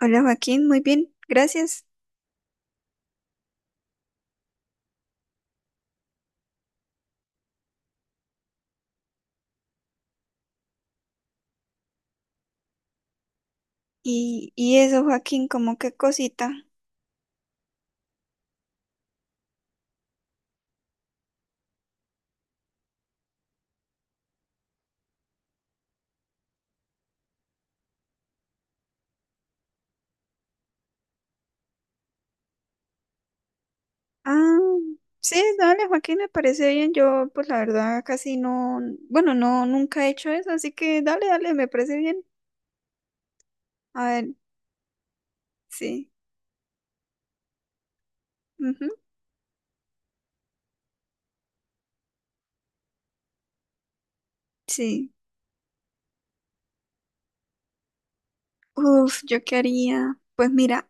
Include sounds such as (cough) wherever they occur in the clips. Hola Joaquín, muy bien, gracias. Y eso, Joaquín, como qué cosita. Ah, sí, dale, Joaquín, me parece bien. Yo, pues la verdad, casi no, bueno, no, nunca he hecho eso, así que dale, dale, me parece bien. A ver, sí, ujú, sí. Uf, ¿yo qué haría? Pues mira,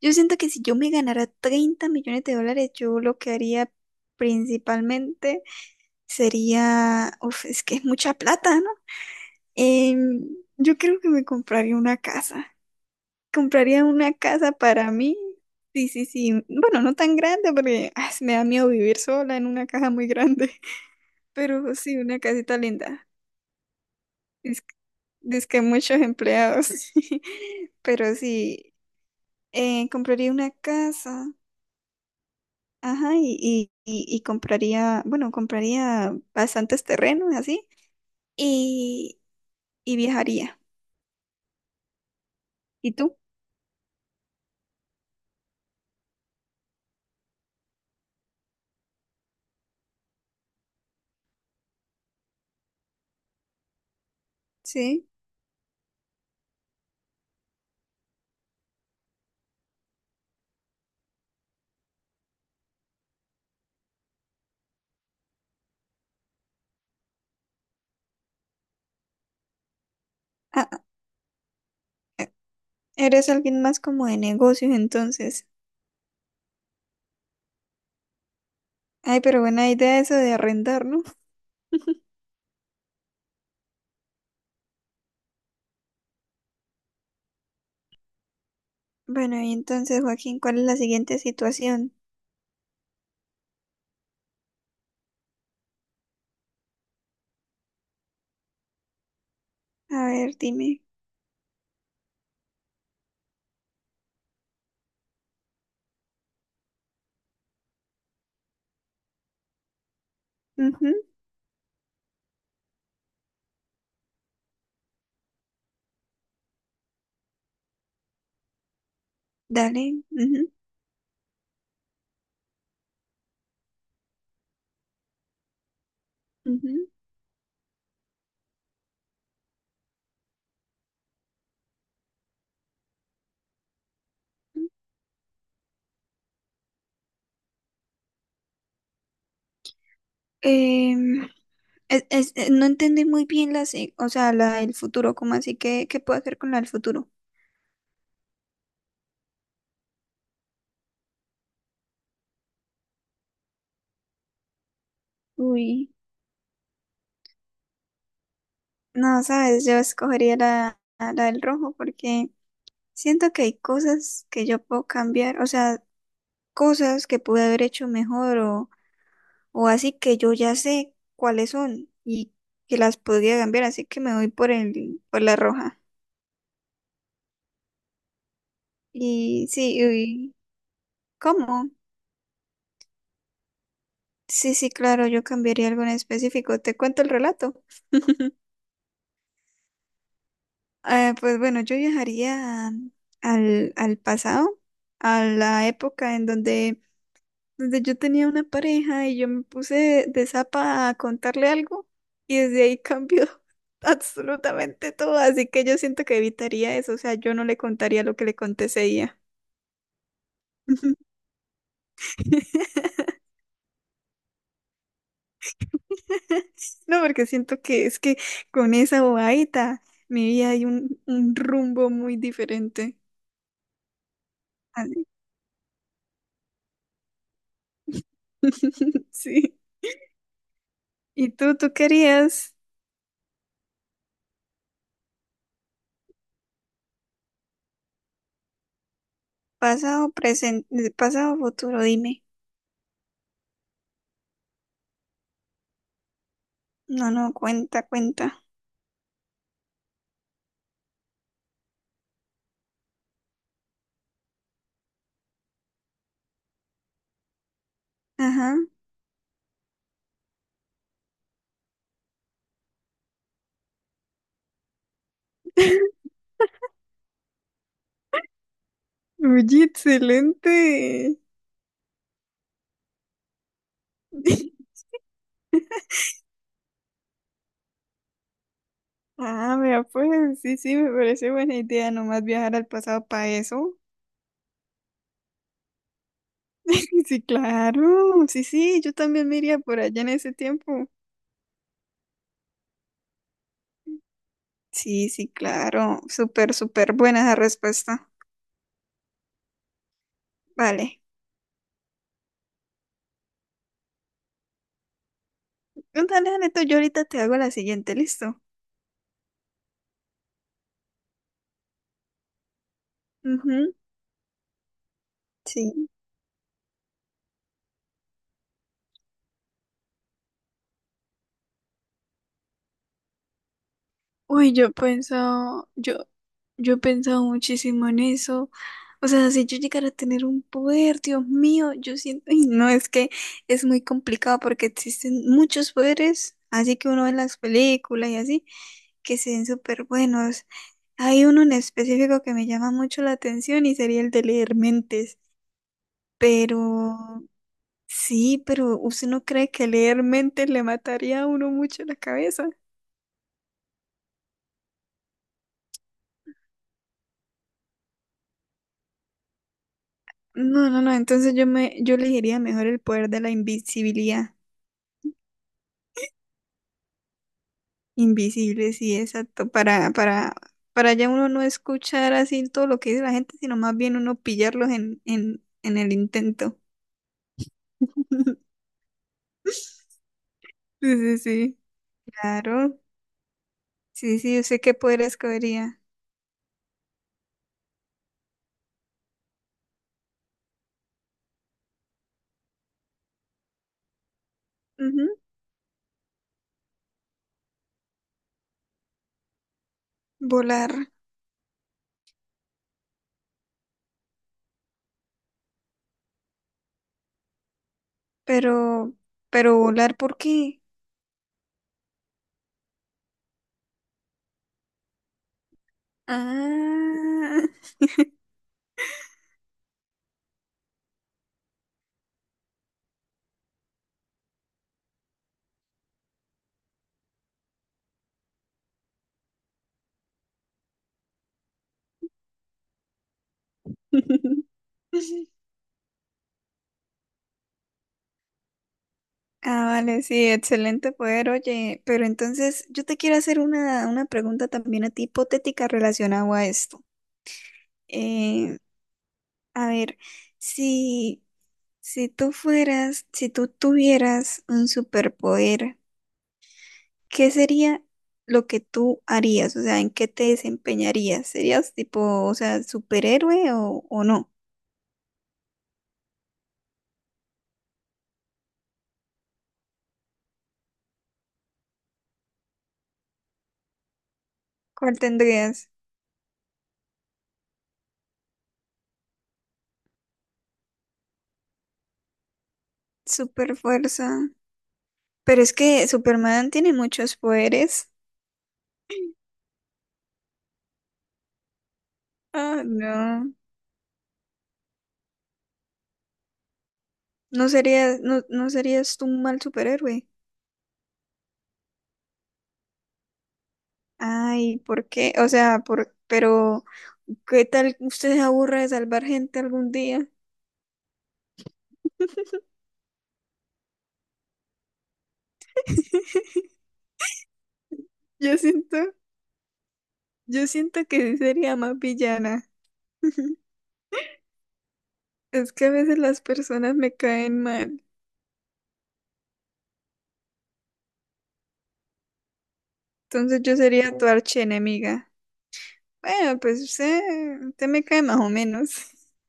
yo siento que si yo me ganara 30 millones de dólares, yo lo que haría principalmente sería, uf, es que es mucha plata, ¿no? Em, yo creo que me compraría una casa. Compraría una casa para mí. Sí, sí, sí. Bueno, no tan grande porque ah, me da miedo vivir sola en una casa muy grande. (laughs) Pero sí, una casita linda. Es, es que muchos empleados. (laughs) Pero sí, compraría una casa. Ajá, y compraría, bueno, compraría bastantes terrenos así. Y, y viajaría. ¿Y tú? Sí. Ah, eres alguien más como de negocios entonces. Ay, pero buena idea eso de arrendar, ¿no? Bueno, y entonces, Joaquín, ¿cuál es la siguiente situación? A ver, dime. Ujú, dale. Ujú, ujú. Em, no entendí muy bien la, se- o sea, la del futuro, ¿cómo así? ¿Qué, qué puedo hacer con la del futuro? Uy, no, sabes, yo escogería la, la del rojo porque siento que hay cosas que yo puedo cambiar, o sea, cosas que pude haber hecho mejor o así que yo ya sé cuáles son y que las podría cambiar, así que me voy por el, por la roja. Y sí, uy, ¿cómo? Sí, sí, claro, yo cambiaría algo en específico. Te cuento el relato. Pues bueno, yo viajaría al, al pasado, a la época en donde, donde yo tenía una pareja y yo me puse de zapa a contarle algo y desde ahí cambió (laughs) absolutamente todo. Así que yo siento que evitaría eso, o sea, yo no le contaría lo que le conté ese día. (laughs) (laughs) No, porque siento que es que con esa bobadita mi vida hay un rumbo muy diferente. Así. (laughs) Sí. ¿Y tú querías pasado, presente, pasado, futuro? Dime. No, no, cuenta, cuenta. Ajá. (laughs) Oye, excelente. (laughs) Ah, vea, pues sí, sí, me parece buena idea nomás viajar al pasado para eso. (laughs) Sí, claro. Sí, sí, yo también me iría por allá en ese tiempo. Sí, sí, claro. Súper, súper buena esa respuesta. Vale. Dale, dale tú. Yo ahorita te hago la siguiente, ¿listo? Ujú, sí. Uy, yo he pensado, yo he pensado muchísimo en eso. O sea, si yo llegara a tener un poder, Dios mío, yo siento, y no es que es muy complicado porque existen muchos poderes, así que uno ve las películas y así, que se ven súper buenos. Hay uno en específico que me llama mucho la atención y sería el de leer mentes. Pero sí, pero ¿usted no cree que leer mentes le mataría a uno mucho la cabeza? No, no, no, entonces yo me, yo elegiría mejor el poder de la invisibilidad. Invisible, sí, exacto. Para ya uno no escuchar así todo lo que dice la gente, sino más bien uno pillarlos en el intento. (laughs) Sí, sí, sí. Claro. Sí, sí, yo sé qué poder escogería. Ujú, volar. Pero, pero volar, ¿por qué? Ah. (laughs) Ah, vale, sí, excelente poder, oye, pero entonces yo te quiero hacer una pregunta también a ti hipotética relacionada a esto. Eh, a ver, si, si tú fueras, si tú tuvieras un superpoder, ¿qué sería lo que tú harías? O sea, ¿en qué te desempeñarías? ¿Serías tipo, o sea, superhéroe o no? ¿Cuál tendrías? ¿Super fuerza? Pero es que Superman tiene muchos poderes. Ah, no. No serías, no, no serías tú un mal superhéroe. Ay, ¿por qué? O sea, por, pero ¿qué tal usted se aburra de salvar gente algún día? (laughs) Yo siento, yo siento que sí sería más villana. (laughs) Es que a veces las personas me caen mal. Entonces yo sería tu archienemiga. Bueno, pues usted, usted me cae más o menos. (laughs)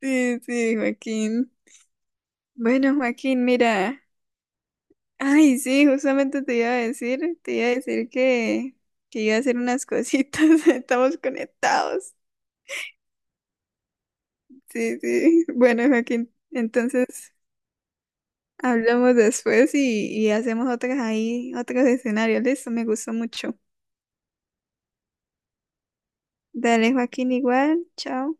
Sí, sí, Joaquín. Bueno, Joaquín, mira. Ay, sí, justamente te iba a decir, te iba a decir que iba a hacer unas cositas, (laughs) estamos conectados. Sí, sí. Bueno, Joaquín, entonces hablamos después y hacemos otras ahí, otros escenarios. Listo, me gustó mucho. Dale, Joaquín, igual, chao.